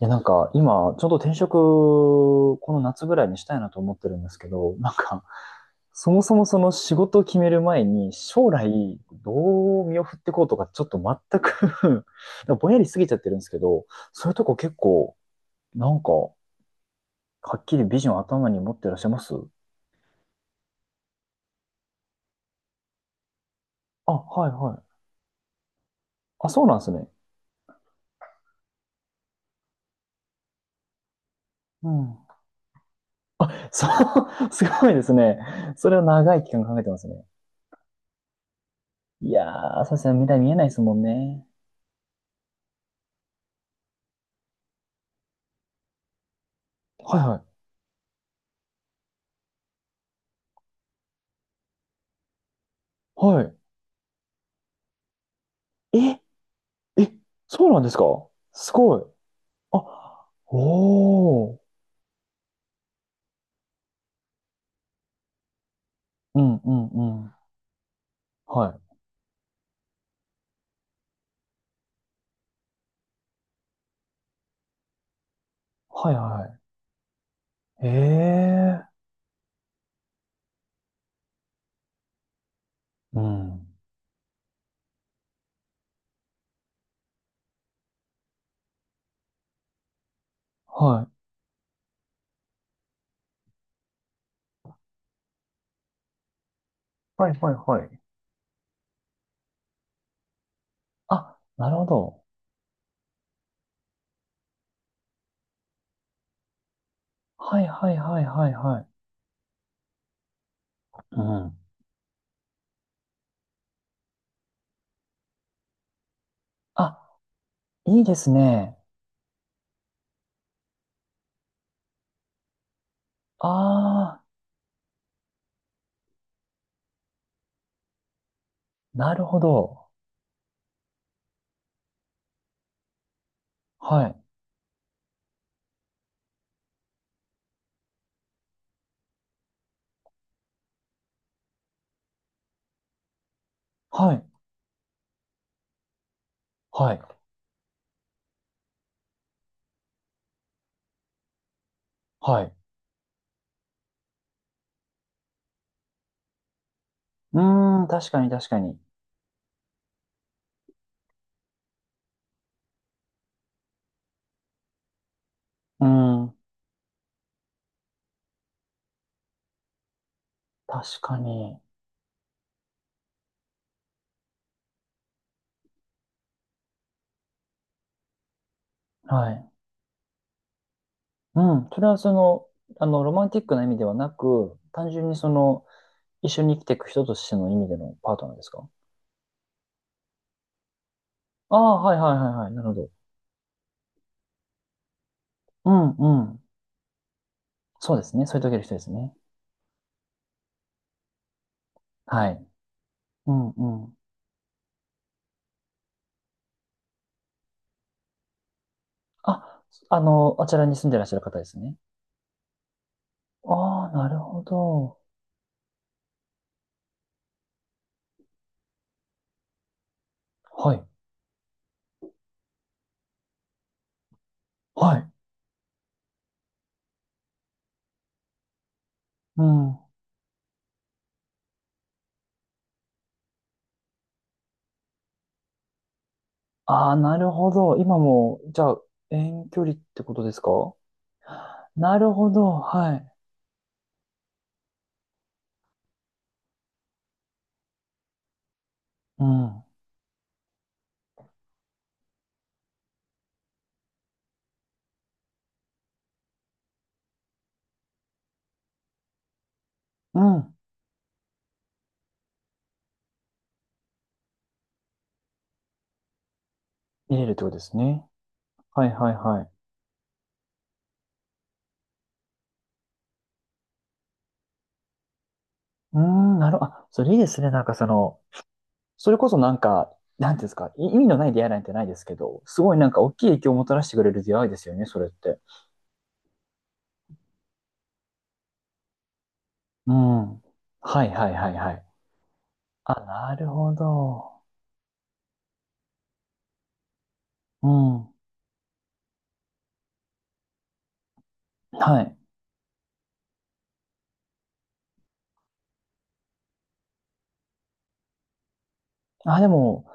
いや、今、ちょうど転職、この夏ぐらいにしたいなと思ってるんですけど、そもそもその仕事を決める前に、将来、どう身を振っていこうとか、ちょっと全く ぼんやりしすぎちゃってるんですけど、そういうとこ結構、はっきりビジョン頭に持ってらっしゃいますあ、はいはい。あ、そうなんですね。うん。そう、すごいですね。それを長い期間考えてますね。いやー、そうですね。未来見えないですもんね。はいはい。はい。ええ、そうなんですか？すごい。あ、おー。うんうんうん。はい。はいはい。ええーうん。はい。はいはいはい。あ、なるほど。はいはいはいはいはい。うん。あ、いいですね。あー、なるほど。はい。はい。はい。はい。うーん、確かに確かに。うーん、確かに。はい。うん、それはその、あの、ロマンティックな意味ではなく、単純にその、一緒に生きていく人としての意味でのパートナーですか？ああ、はいはいはいはい。なるほど。うんうん。そうですね。そういう時の人ですね。はい。うんうん。あ、あの、あちらに住んでらっしゃる方ですね。ああ、なるほど。はい。はい。うん。ああ、なるほど。今も、じゃあ、遠距離ってことですか？なるほど。はい。うん。うん。見れるってことですね。はいはいはい。うーん、なるほど。あ、それいいですね。その、それこそなんていうんですか、い意味のない出会いなんてないですけど、すごい大きい影響をもたらしてくれる出会いですよね、それって。うん。はいはいはいはい。あ、なるほど。うん。はい。あ、でも、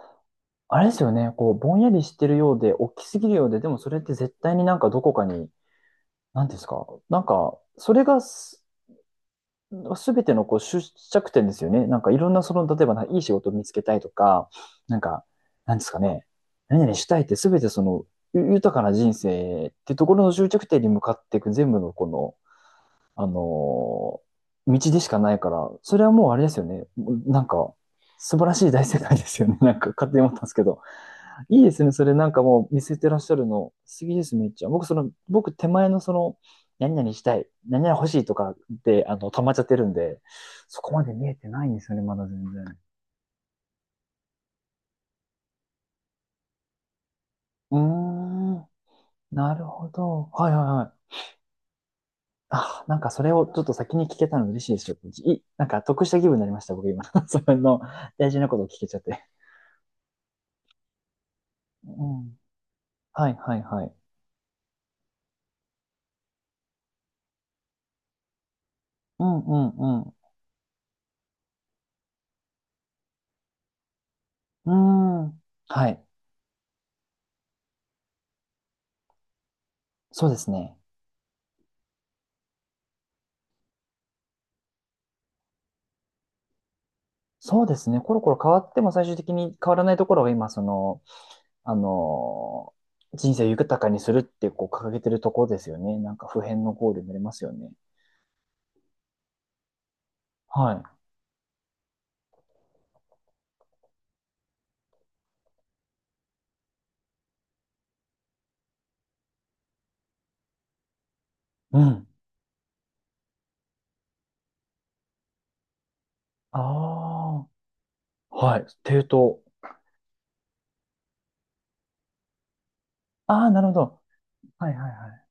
あれですよね、こう、ぼんやりしてるようで、大きすぎるようで、でもそれって絶対にどこかに、なんていうんですか、それがすすべてのこう出着点ですよね。いろんなその、例えばないい仕事を見つけたいとか、なんか、なんですかね、何々したいってすべてその、豊かな人生ってところの終着点に向かっていく全部のこの、あのー道でしかないから、それはもうあれですよね。なんか、素晴らしい大世界ですよね。なんか勝手に思ったんですけど。いいですね。それもう見せてらっしゃるの、素敵です、めっちゃ。僕、その、僕、手前のその、何々したい、何々欲しいとかで、あの、溜まっちゃってるんで、そこまで見えてないんですよね、まだ全然。うーん、なるほど。はいはいはい。あ、なんかそれをちょっと先に聞けたの嬉しいです。よい、なんか得した気分になりました、僕今。それの大事なことを聞けちゃって。うん。はいはいはい。うんうんうん。うーん。はい。そうですね。そうですね。コロコロ変わっても最終的に変わらないところが今、その、あの、人生を豊かにするってこう掲げてるところですよね。なんか普遍のゴールになりますよね。はい。うん。ああ、はい。抵当。ああ、なるほど。はいはいはい。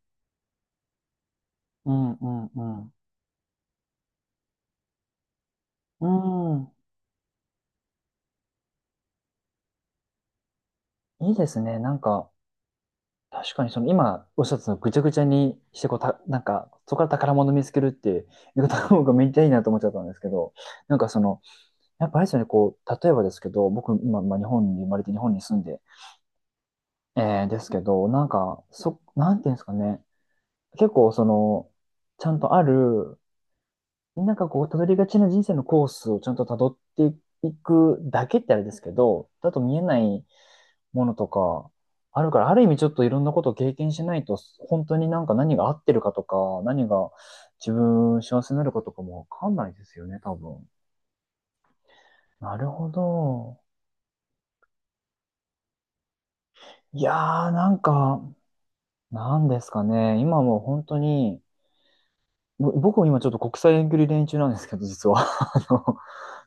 うんうんうん。うん。いいですね。確かにその今おっしゃってたのぐちゃぐちゃにしてこうた、そこから宝物見つけるっていう言い方の方がめっちゃいいなと思っちゃったんですけど、なんかその、やっぱあれですよね、こう、例えばですけど、僕、今、まあ、日本に生まれて日本に住んで、えー、ですけど、そ、なんていうんですかね、結構、その、ちゃんとある、なんかこう、たどりがちな人生のコースをちゃんとたどっていくだけってあれですけど、だと見えないものとか、あるから、ある意味ちょっといろんなことを経験しないと、本当になんか何が合ってるかとか、何が自分幸せになるかとかもわかんないですよね、多分。なるほど。いやー、なんですかね。今もう本当に、ぼ僕も今ちょっと国際遠距離恋中なんですけど、実は。あの、だか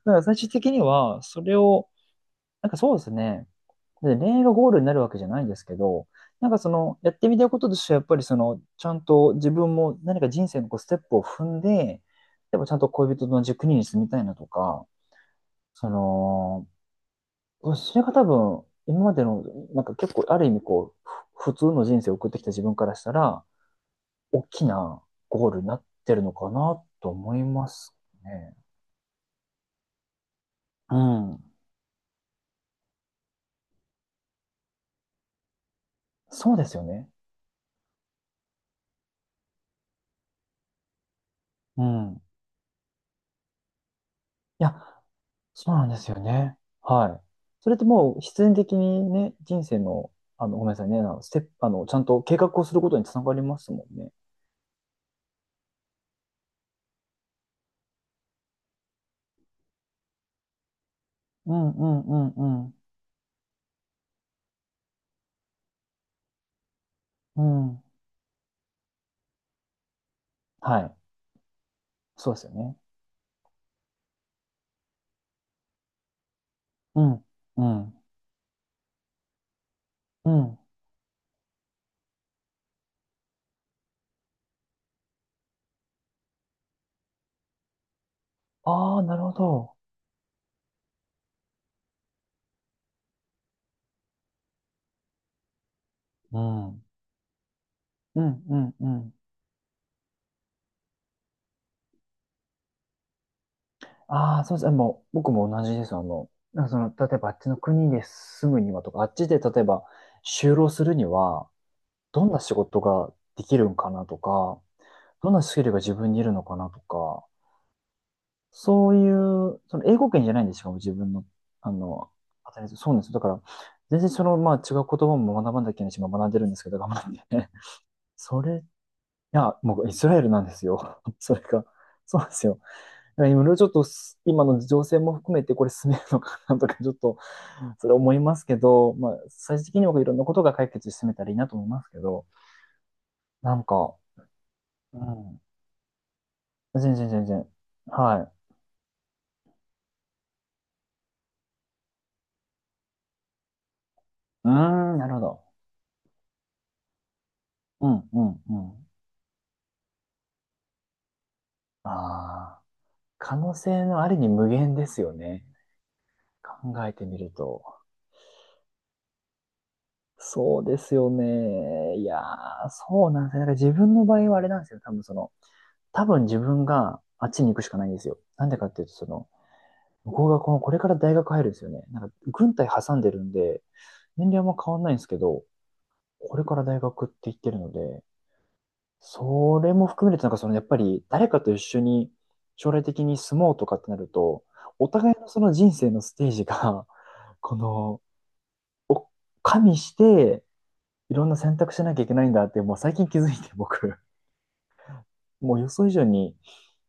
ら最終的には、それを、なんかそうですね。で、恋愛がゴールになるわけじゃないんですけど、なんかその、やってみたこととしては、やっぱりその、ちゃんと自分も何か人生のこうステップを踏んで、でもちゃんと恋人と同じ国に住みたいなとか、その、それが多分、今までの、なんか結構、ある意味こう、ふ普通の人生を送ってきた自分からしたら、大きなゴールになってるのかなと思いますね。うん。そうですよね。うん。いや、そうなんですよね。はい。それってもう必然的にね、人生の、あの、ごめんなさいね、あの、ステップ、あの、ちゃんと計画をすることにつながりますもんね。うんうんうんうん。うん。はい。そうですよね。うん。うん。うん。ああ、なるほど。うん。うんうんうん。ああ、そうです。もう、僕も同じです。あの、なんかその、例えばあっちの国で住むにはとか、あっちで例えば就労するには、どんな仕事ができるんかなとか、どんなスキルが自分にいるのかなとか、そういう、その英語圏じゃないんですかも自分の、あの、働いてるそうなんですよ。だから、全然その、まあ違う言葉も学ばなきゃいけないし、まあ学んでるんですけど、頑張って。それ、いや、もうイスラエルなんですよ。それが。そうなんですよ。いろいろちょっとす今の情勢も含めてこれ進めるのかなとか、ちょっとそれ思いますけど、まあ、最終的に僕いろんなことが解決して進めたらいいなと思いますけど、なんか、うん。全然全然。はい。うーん、なるほど。うん、うん、うん。ああ、可能性のありに無限ですよね。考えてみると。そうですよね。いやー、そうなんですよ。なんか自分の場合はあれなんですよ。多分その、多分自分があっちに行くしかないんですよ。なんでかっていうと、その、僕がこの、これから大学入るんですよね。なんか、軍隊挟んでるんで、年齢はあんま変わんないんですけど、これから大学って言ってるので、それも含めると、なんかその、やっぱり誰かと一緒に将来的に住もうとかってなると、お互いのその人生のステージが、この、お加味して、いろんな選択しなきゃいけないんだって、もう最近気づいて、僕、もう予想以上に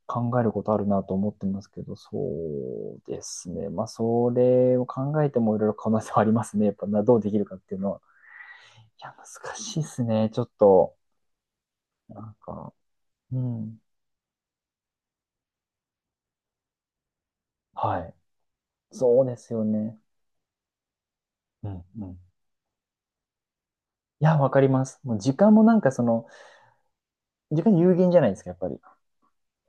考えることあるなと思ってますけど、そうですね。まあ、それを考えてもいろいろ可能性はありますね。やっぱな、どうできるかっていうのは。いや、難しいですね。ちょっと、なんか、うん。はい。そうですよね。うん、うん。いや、わかります。もう時間もその、時間有限じゃないですか、やっぱり。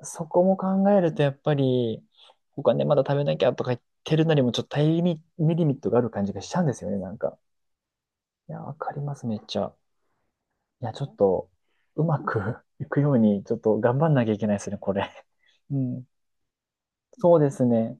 そこも考えると、やっぱり、お金まだ食べなきゃとか言ってるなりも、ちょっとタイミミリミットがある感じがしちゃうんですよね、なんか。いや、わかります、めっちゃ。いや、ちょっと、うまく いくように、ちょっと頑張んなきゃいけないですね、これ。うん。そうですね。